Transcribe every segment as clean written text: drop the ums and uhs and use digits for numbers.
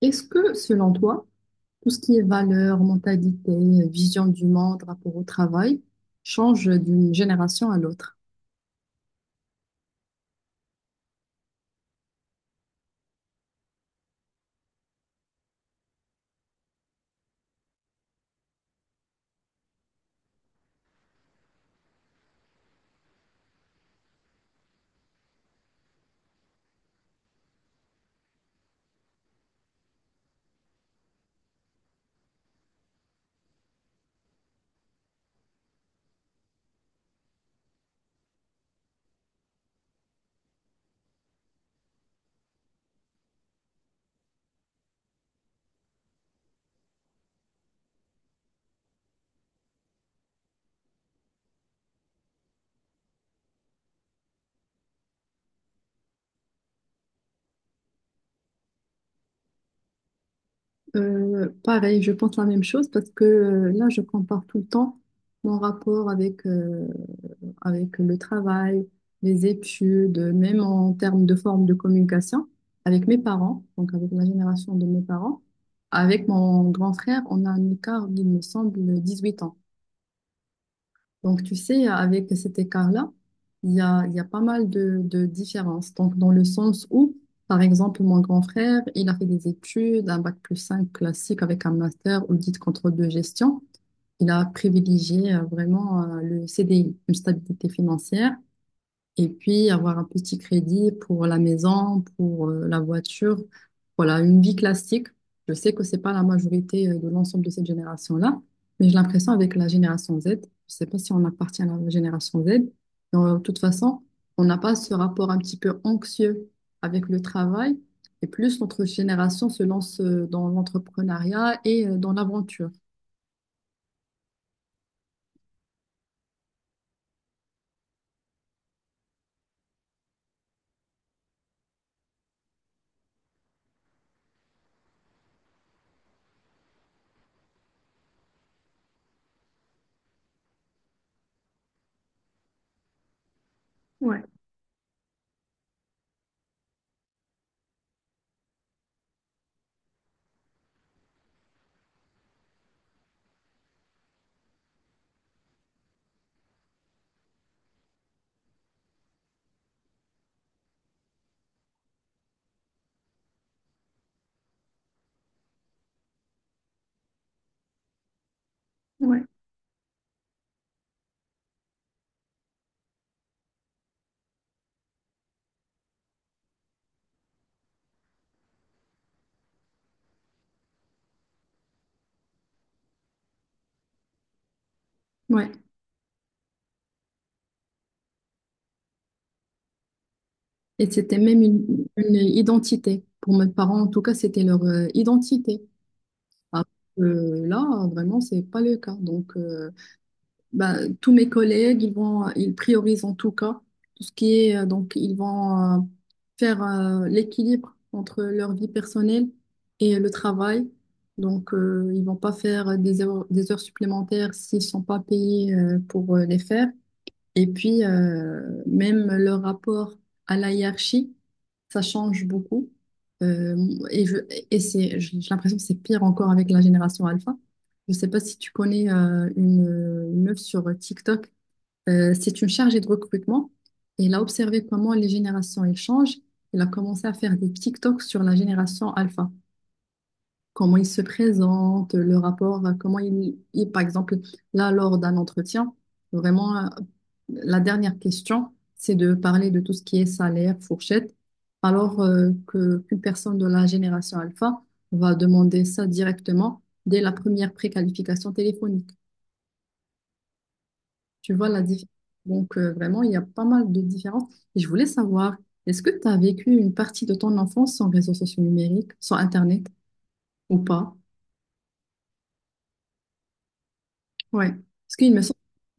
Est-ce que, selon toi, tout ce qui est valeur, mentalité, vision du monde, rapport au travail, change d'une génération à l'autre? Pareil, je pense la même chose parce que là, je compare tout le temps mon rapport avec, avec le travail, les études, même en termes de forme de communication, avec mes parents, donc avec la génération de mes parents. Avec mon grand frère, on a un écart, il me semble, 18 ans. Donc, tu sais, avec cet écart-là, il y a pas mal de différences. Donc, dans le sens où, par exemple, mon grand frère, il a fait des études, un bac+5 classique avec un master audit contrôle de gestion. Il a privilégié vraiment le CDI, une stabilité financière et puis avoir un petit crédit pour la maison, pour la voiture. Voilà, une vie classique. Je sais que c'est pas la majorité de l'ensemble de cette génération-là, mais j'ai l'impression avec la génération Z, je sais pas si on appartient à la génération Z, mais de toute façon, on n'a pas ce rapport un petit peu anxieux avec le travail, et plus notre génération se lance dans l'entrepreneuriat et dans l'aventure. Ouais. Ouais, et c'était même une identité. Pour mes parents, en tout cas, c'était leur identité. Alors que là, vraiment, c'est pas le cas. Donc, ben, tous mes collègues, ils priorisent en tout cas tout ce qui est, donc, ils vont faire l'équilibre entre leur vie personnelle et le travail. Donc, ils vont pas faire des heures supplémentaires s'ils sont pas payés pour les faire. Et puis, même le rapport à la hiérarchie, ça change beaucoup. Euh, et je, et c'est, j'ai l'impression que c'est pire encore avec la génération alpha. Je ne sais pas si tu connais une meuf sur TikTok. C'est une chargée de recrutement. Et elle a observé comment les générations elles changent. Elle a commencé à faire des TikToks sur la génération alpha comment ils se présentent, le rapport, comment par exemple, là, lors d'un entretien, vraiment, la dernière question, c'est de parler de tout ce qui est salaire, fourchette, alors que qu'une personne de la génération alpha va demander ça directement dès la première préqualification téléphonique. Tu vois la différence. Donc, vraiment, il y a pas mal de différences. Et je voulais savoir, est-ce que tu as vécu une partie de ton enfance sans réseaux sociaux numériques, sans Internet ou pas? Ouais. Parce qu'il me semble.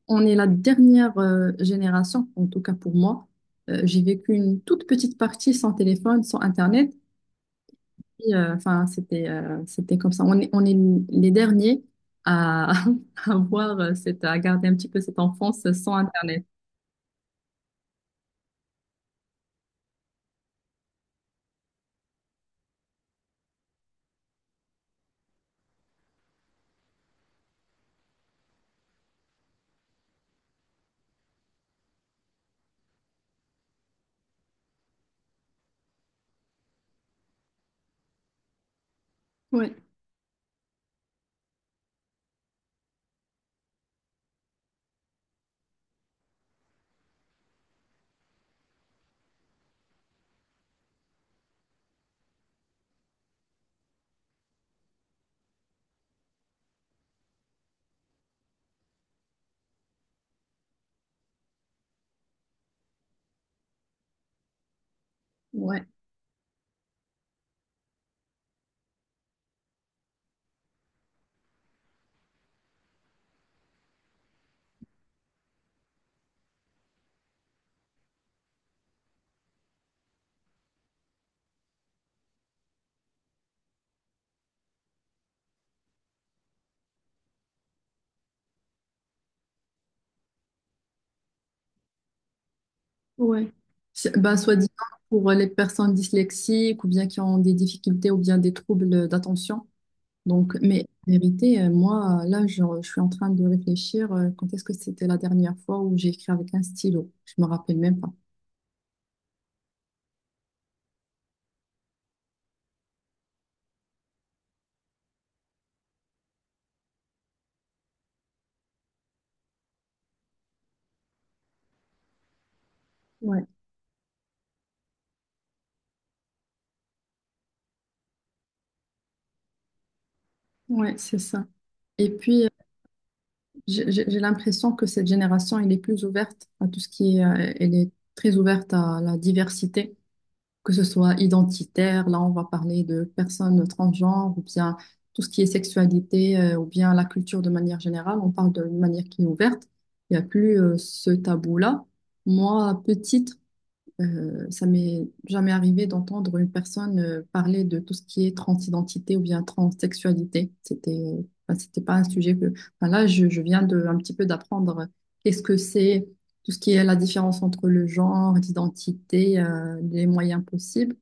On est la dernière génération, en tout cas pour moi. J'ai vécu une toute petite partie sans téléphone, sans Internet. Et, enfin, c'était comme ça. On est les derniers à, à avoir cette, à garder un petit peu cette enfance sans Internet. Ouais. Ouais. Ouais. C'est- Ben, soit disant pour les personnes dyslexiques ou bien qui ont des difficultés ou bien des troubles d'attention. Donc, mais en vérité, moi, là, je suis en train de réfléchir quand est-ce que c'était la dernière fois où j'ai écrit avec un stylo. Je me rappelle même pas. Ouais, ouais, c'est ça. Et puis, j'ai l'impression que cette génération, elle est plus ouverte à tout ce qui est, elle est très ouverte à la diversité, que ce soit identitaire, là, on va parler de personnes transgenres, ou bien tout ce qui est sexualité, ou bien la culture de manière générale, on parle de manière qui est ouverte. Il n'y a plus ce tabou-là. Moi, petite, ça m'est jamais arrivé d'entendre une personne parler de tout ce qui est transidentité ou bien transsexualité. C'était, enfin, c'était pas un sujet que. Enfin, là, je viens de un petit peu d'apprendre qu'est-ce que c'est, tout ce qui est la différence entre le genre, l'identité, les moyens possibles.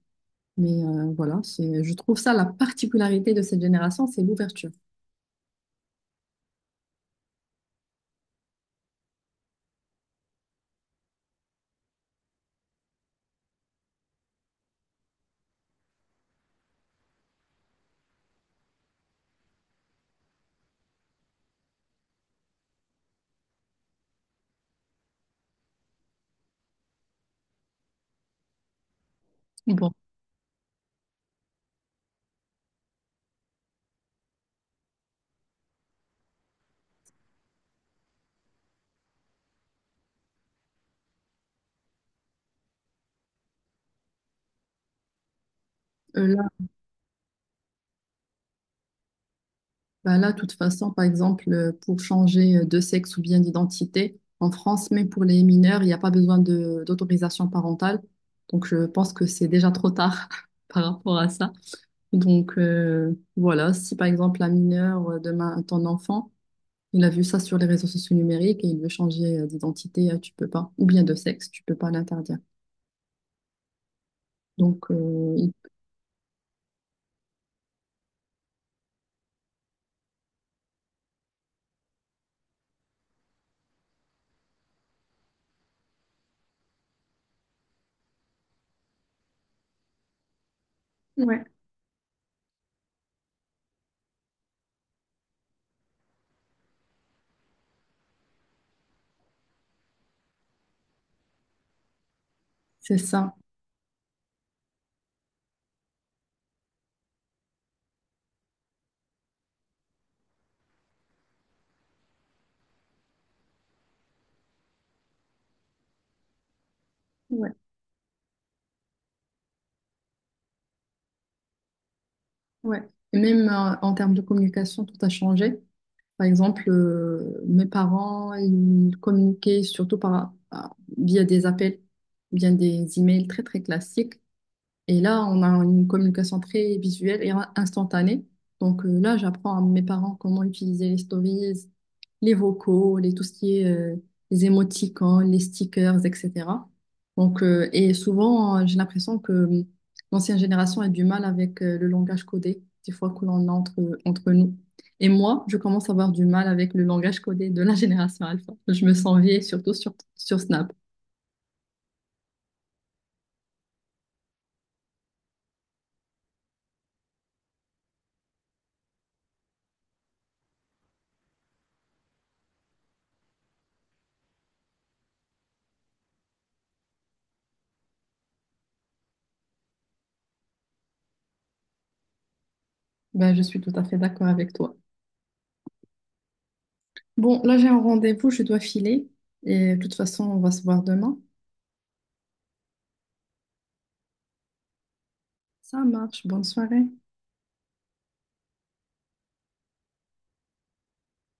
Mais voilà, c'est, je trouve ça la particularité de cette génération, c'est l'ouverture. Bon, euh, Bah là, de toute façon, par exemple, pour changer de sexe ou bien d'identité en France, même pour les mineurs, il n'y a pas besoin de d'autorisation parentale. Donc, je pense que c'est déjà trop tard par rapport à ça. Donc, voilà, si par exemple un mineur, demain, ton enfant, il a vu ça sur les réseaux sociaux numériques et il veut changer d'identité, tu peux pas, ou bien de sexe, tu peux pas l'interdire. Donc, euh, il- Ouais, c'est ça. Ouais, ouais. Et même en termes de communication, tout a changé. Par exemple, mes parents, ils communiquaient surtout via des appels, via des emails très très classiques. Et là, on a une communication très visuelle et instantanée. Donc là, j'apprends à mes parents comment utiliser les stories, les vocaux, les, tout ce qui est les émoticônes, les stickers, etc. Donc, et souvent, j'ai l'impression que l'ancienne génération a du mal avec le langage codé, des fois que l'on a entre, entre nous. Et moi, je commence à avoir du mal avec le langage codé de la génération alpha. Je me sens vieille, surtout sur Snap. Ben, je suis tout à fait d'accord avec toi. Bon, là j'ai un rendez-vous, je dois filer. Et de toute façon, on va se voir demain. Ça marche, bonne soirée.